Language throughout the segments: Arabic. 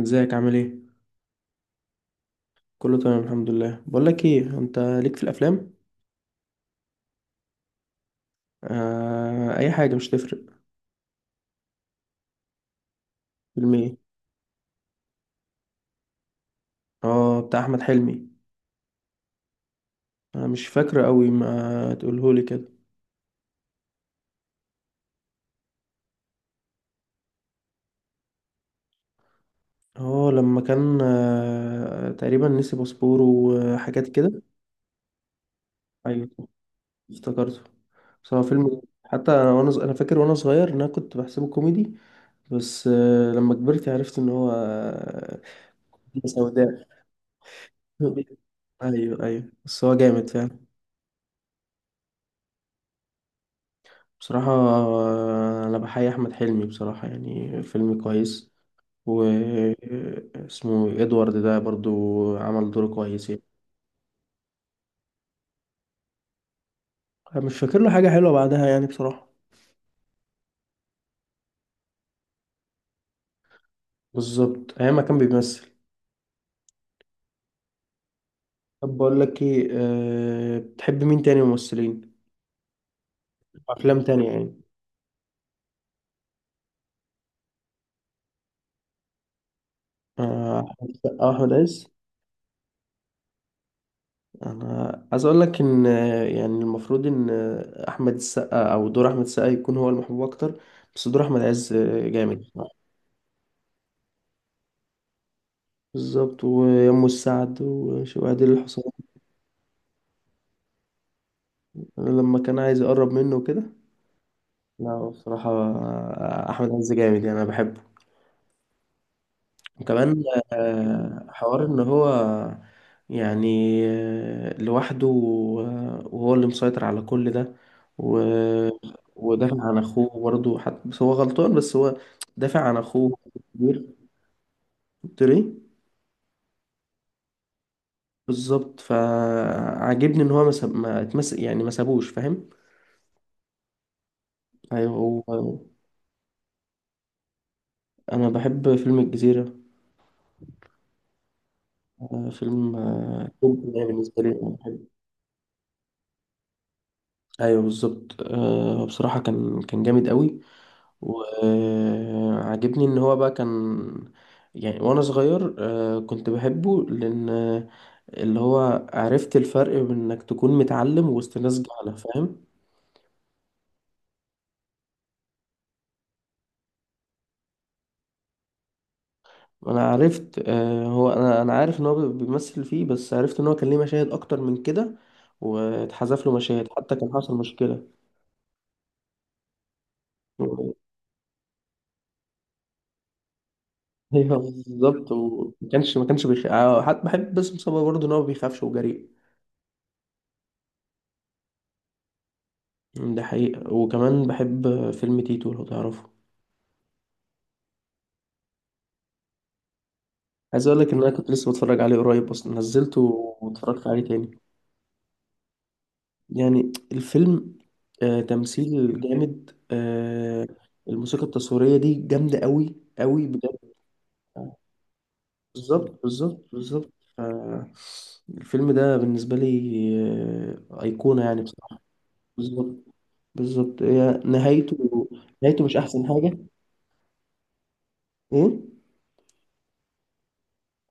ازيك؟ عامل ايه؟ كله تمام، الحمد لله. بقول لك ايه، انت ليك في الافلام؟ آه، اي حاجه، مش تفرق. فيلم ايه؟ اه، بتاع احمد حلمي. انا مش فاكره قوي، ما تقوله لي كده. اه، لما كان تقريبا نسي باسبوره وحاجات كده. ايوه، افتكرته. بس هو فيلم، حتى انا انا فاكر وانا صغير ان انا كنت بحسبه كوميدي. بس لما كبرت عرفت ان هو سوداء. ايوه، ايوه، بس هو جامد فعلا. بصراحة، أنا بحيي أحمد حلمي، بصراحة، يعني فيلم كويس. و اسمه إدوارد ده برضو. عمل دور كويس يعني. أنا مش فاكر له حاجة حلوة بعدها، يعني، بصراحة. بالظبط، أيام ما كان بيمثل. طب، بقول لك إيه. أه، بتحب مين تاني ممثلين؟ أفلام تانية يعني. أحمد السقا وأحمد عز. أنا عايز أقول لك إن يعني المفروض إن أحمد السقا، أو دور أحمد السقا، يكون هو المحبوب أكتر. بس دور أحمد عز جامد. بالظبط، ويمه السعد وشوادي الحصان. لما كان عايز يقرب منه وكده. لا، هو بصراحة. أحمد عز جامد، يعني أنا بحبه. وكمان. حوار إن هو، يعني، لوحده، وهو اللي مسيطر على كل ده. و... ودافع عن أخوه برضه حتى، بس هو غلطان، بس هو دافع عن أخوه. كبير. قلت له إيه؟ بالظبط، فعاجبني إن هو ما اتمسك، يعني ما سابوش، فاهم. أيوه. هو. انا بحب فيلم الجزيرة. فيلم توب، يعني بالنسبة لي أنا بحب. ايوه بالظبط، بصراحة كان جامد قوي. وعجبني ان هو بقى كان، يعني وانا صغير كنت بحبه لان اللي هو عرفت الفرق بين انك تكون متعلم وسط ناس جهلة، فاهم. انا عرفت هو انا عارف ان هو بيمثل فيه، بس عرفت ان هو كان ليه مشاهد اكتر من كده. واتحذف له مشاهد، حتى كان حصل مشكلة. ايوه بالظبط، وما كانش ما كانش بيخ... آه، حتى بحب باسم سمرة برضه، ان هو ما بيخافش وجريء. ده حقيقة. وكمان بحب فيلم تيتو، لو تعرفه. عايز اقول لك ان انا كنت لسه بتفرج عليه قريب، اصلا نزلته. واتفرجت عليه تاني، يعني الفيلم. تمثيل جامد. الموسيقى التصويرية دي جامدة قوي قوي بجد. بالظبط، بالظبط، بالظبط. آه. الفيلم ده بالنسبة لي، أيقونة، يعني، بصراحة. بالظبط، بالظبط، هي نهايته. نهايته مش احسن حاجه. ايه؟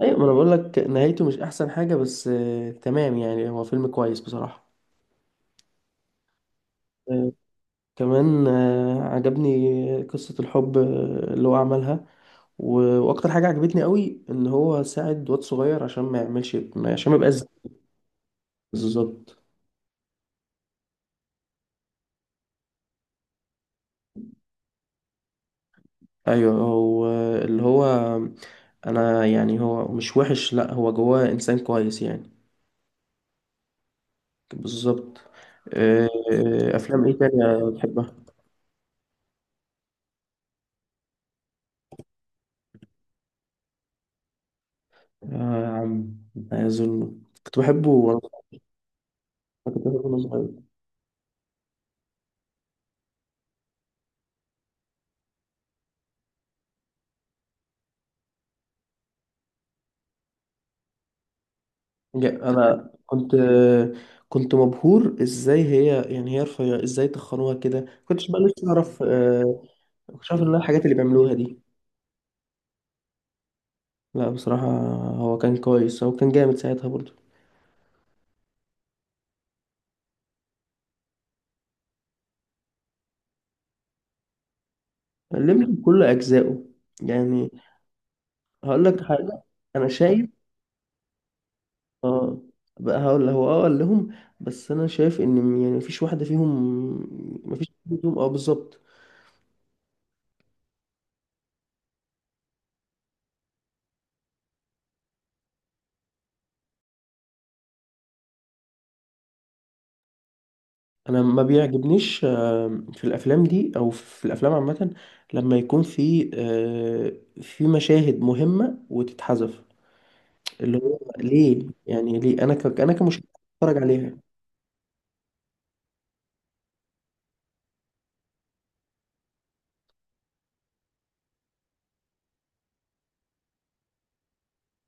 ايوه، ما انا بقول لك نهايته مش احسن حاجه، بس تمام، يعني هو فيلم كويس بصراحه. آه، كمان عجبني قصه الحب اللي هو عملها. واكتر حاجه عجبتني قوي ان هو ساعد واد صغير، عشان ما يعملش عشان ما يبقاش بالظبط. ايوه، هو اللي هو، انا، يعني هو مش وحش، لا هو جواه انسان كويس يعني. بالظبط. آه، افلام ايه تانية بتحبها؟ آه يا عم، لا يظن. كنت بحبه وانا صغير. كنت بحبه وانا صغير. انا كنت، كنت مبهور ازاي هي، يعني هي رفيعة ازاي تخنوها كده، كنتش بقى لسه اعرف. كنتش عارف ان الحاجات اللي بيعملوها دي. لا، بصراحة. هو كان كويس، هو كان جامد ساعتها برضه. علمني كل اجزائه، يعني. هقول لك حاجة، انا شايف. اه. بقى هقول، هو قال لهم، بس انا شايف ان، يعني مفيش واحدة فيهم. مفيش واحدة فيهم، اه، بالظبط. انا ما بيعجبنيش في الافلام دي او في الافلام عامه، لما يكون في مشاهد مهمه وتتحذف. اللي هو ليه، يعني ليه انا انا كمشاهد بتفرج عليها.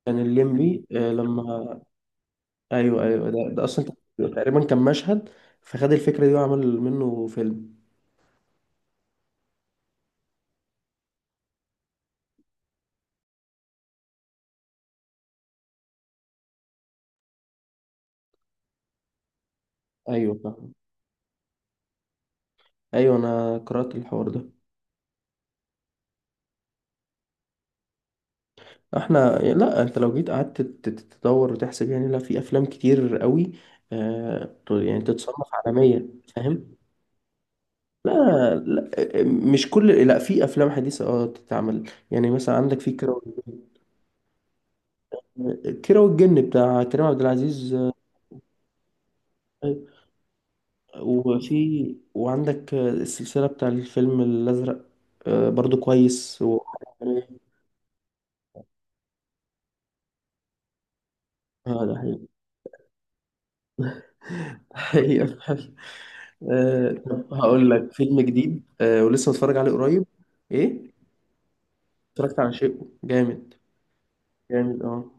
كان الليمبي لما، ايوه ايوه، ده اصلا تقريبا كان مشهد، فخد الفكره دي وعمل منه فيلم. ايوه فاهم. ايوه انا قرات الحوار ده. احنا، لا، انت لو جيت قعدت تدور وتحسب، يعني لا، في افلام كتير قوي يعني تتصنف عالمية. فاهم. لا، لا، مش كل، لا، في افلام حديثة تتعمل، يعني مثلا عندك في كيرة والجن. كيرة والجن بتاع كريم عبد العزيز وعندك السلسلة بتاع الفيلم الازرق، برضو كويس. ده حقيقي. حقيقة. طب هقول لك فيلم جديد، ولسه متفرج عليه قريب. ايه؟ اتفرجت على شيء جامد. جامد، اه.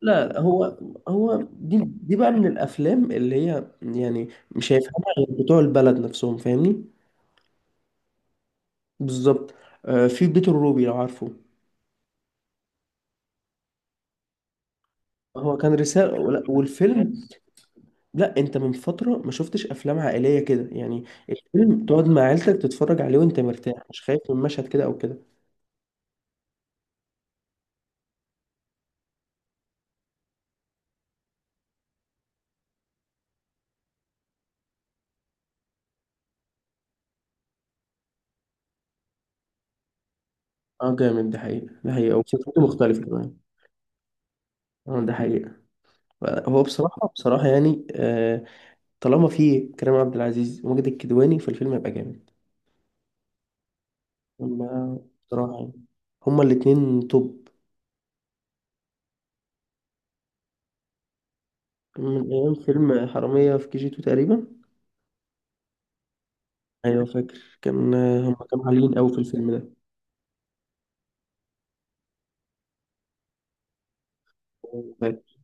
لا، لا، هو، هو دي بقى من الافلام اللي هي، يعني، مش هيفهمها غير بتوع البلد نفسهم، فاهمني. بالظبط. أه، في بيت الروبي، لو عارفه. هو كان رسالة والفيلم. لا، انت من فترة ما شفتش افلام عائلية كده يعني. الفيلم تقعد مع عيلتك تتفرج عليه وانت مرتاح، مش خايف من مشهد كده او كده. اه جامد، ده حقيقة، ده حقيقة، وفكرته مختلفة كمان. اه، ده حقيقة. هو بصراحة، بصراحة يعني، طالما في كريم عبد العزيز وماجد الكدواني، فالفيلم هيبقى جامد. هما، بصراحة يعني، هما الاتنين توب. من أيام فيلم حرامية في KG2، تقريبا. أيوة فاكر، كان هما كانوا عاليين أوي في الفيلم ده، فاكر.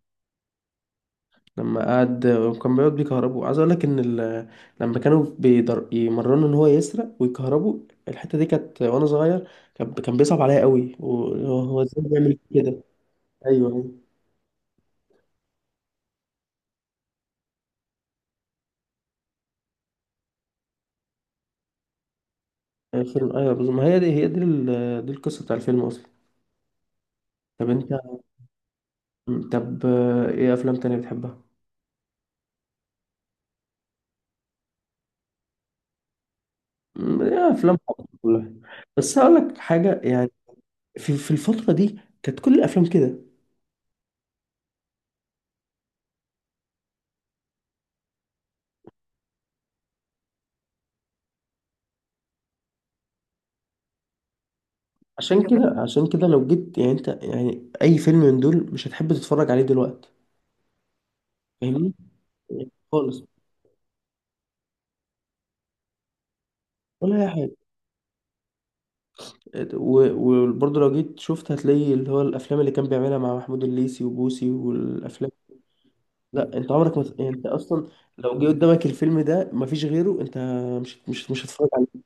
لما قعد وكان بيقعد بيكهربوا، عايز أقول لك إن لما كانوا يمرنوا إن هو يسرق ويكهربوا. الحتة دي كانت وأنا صغير، كان بيصعب عليا أوي وهو إزاي بيعمل كده. أيوه، أيوة. الفيلم، ايوه بالظبط، ما هي دي دي القصه بتاع الفيلم اصلا. طب انت، طب ايه افلام تانية بتحبها؟ ايه، افلام حب كلها؟ بس هقول لك حاجه، يعني في الفتره دي كانت كل الافلام كده. عشان كده، عشان كده، لو جيت، يعني انت، يعني، اي فيلم من دول مش هتحب تتفرج عليه دلوقتي، فاهمني، يعني خالص، ولا اي حاجه. و- وبرضه لو جيت شفت هتلاقي اللي هو الافلام اللي كان بيعملها مع محمود الليثي وبوسي والافلام. لا، انت عمرك ما يعني انت اصلا، لو جه قدامك الفيلم ده مفيش غيره، انت مش هتتفرج عليه.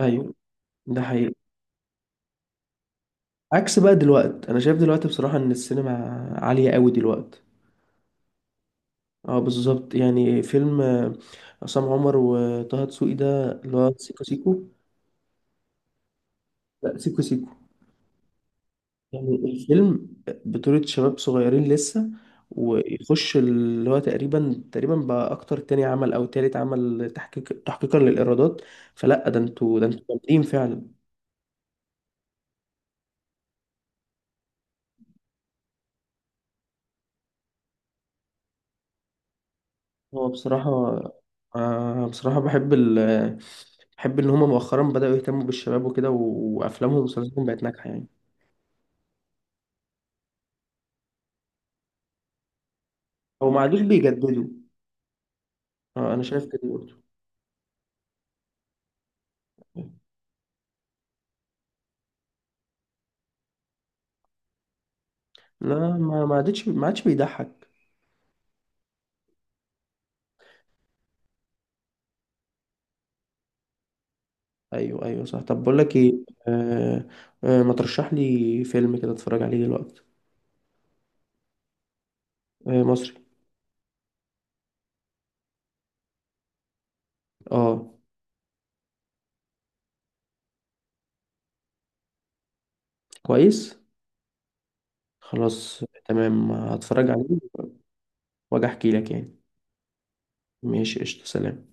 ايوه، ده حقيقي. عكس بقى دلوقتي، انا شايف دلوقتي بصراحة ان السينما عالية قوي دلوقتي. اه، بالظبط، يعني فيلم عصام عمر وطه دسوقي، ده اللي هو سيكو سيكو. لا، سيكو سيكو، يعني الفيلم بطولة شباب صغيرين لسه، ويخش اللي هو تقريبا، تقريبا بقى اكتر تاني عمل او تالت عمل تحقيقا للايرادات. فلا، ده انتوا جامدين فعلا. هو بصراحة، بصراحة بحب بحب إن هما مؤخرا بدأوا يهتموا بالشباب وكده، وأفلامهم ومسلسلاتهم بقت ناجحة يعني. هو ما عادوش بيجددوا. أنا شايف كده برضه. لا، ما عادش بيضحك. أيوه، أيوه، صح. طب بقول لك إيه. آه. ما ترشح لي فيلم كده أتفرج عليه دلوقتي. مصري. أه، كويس، خلاص تمام هتفرج عليه، وأجي أحكي لك يعني. ماشي، قشطة، سلام.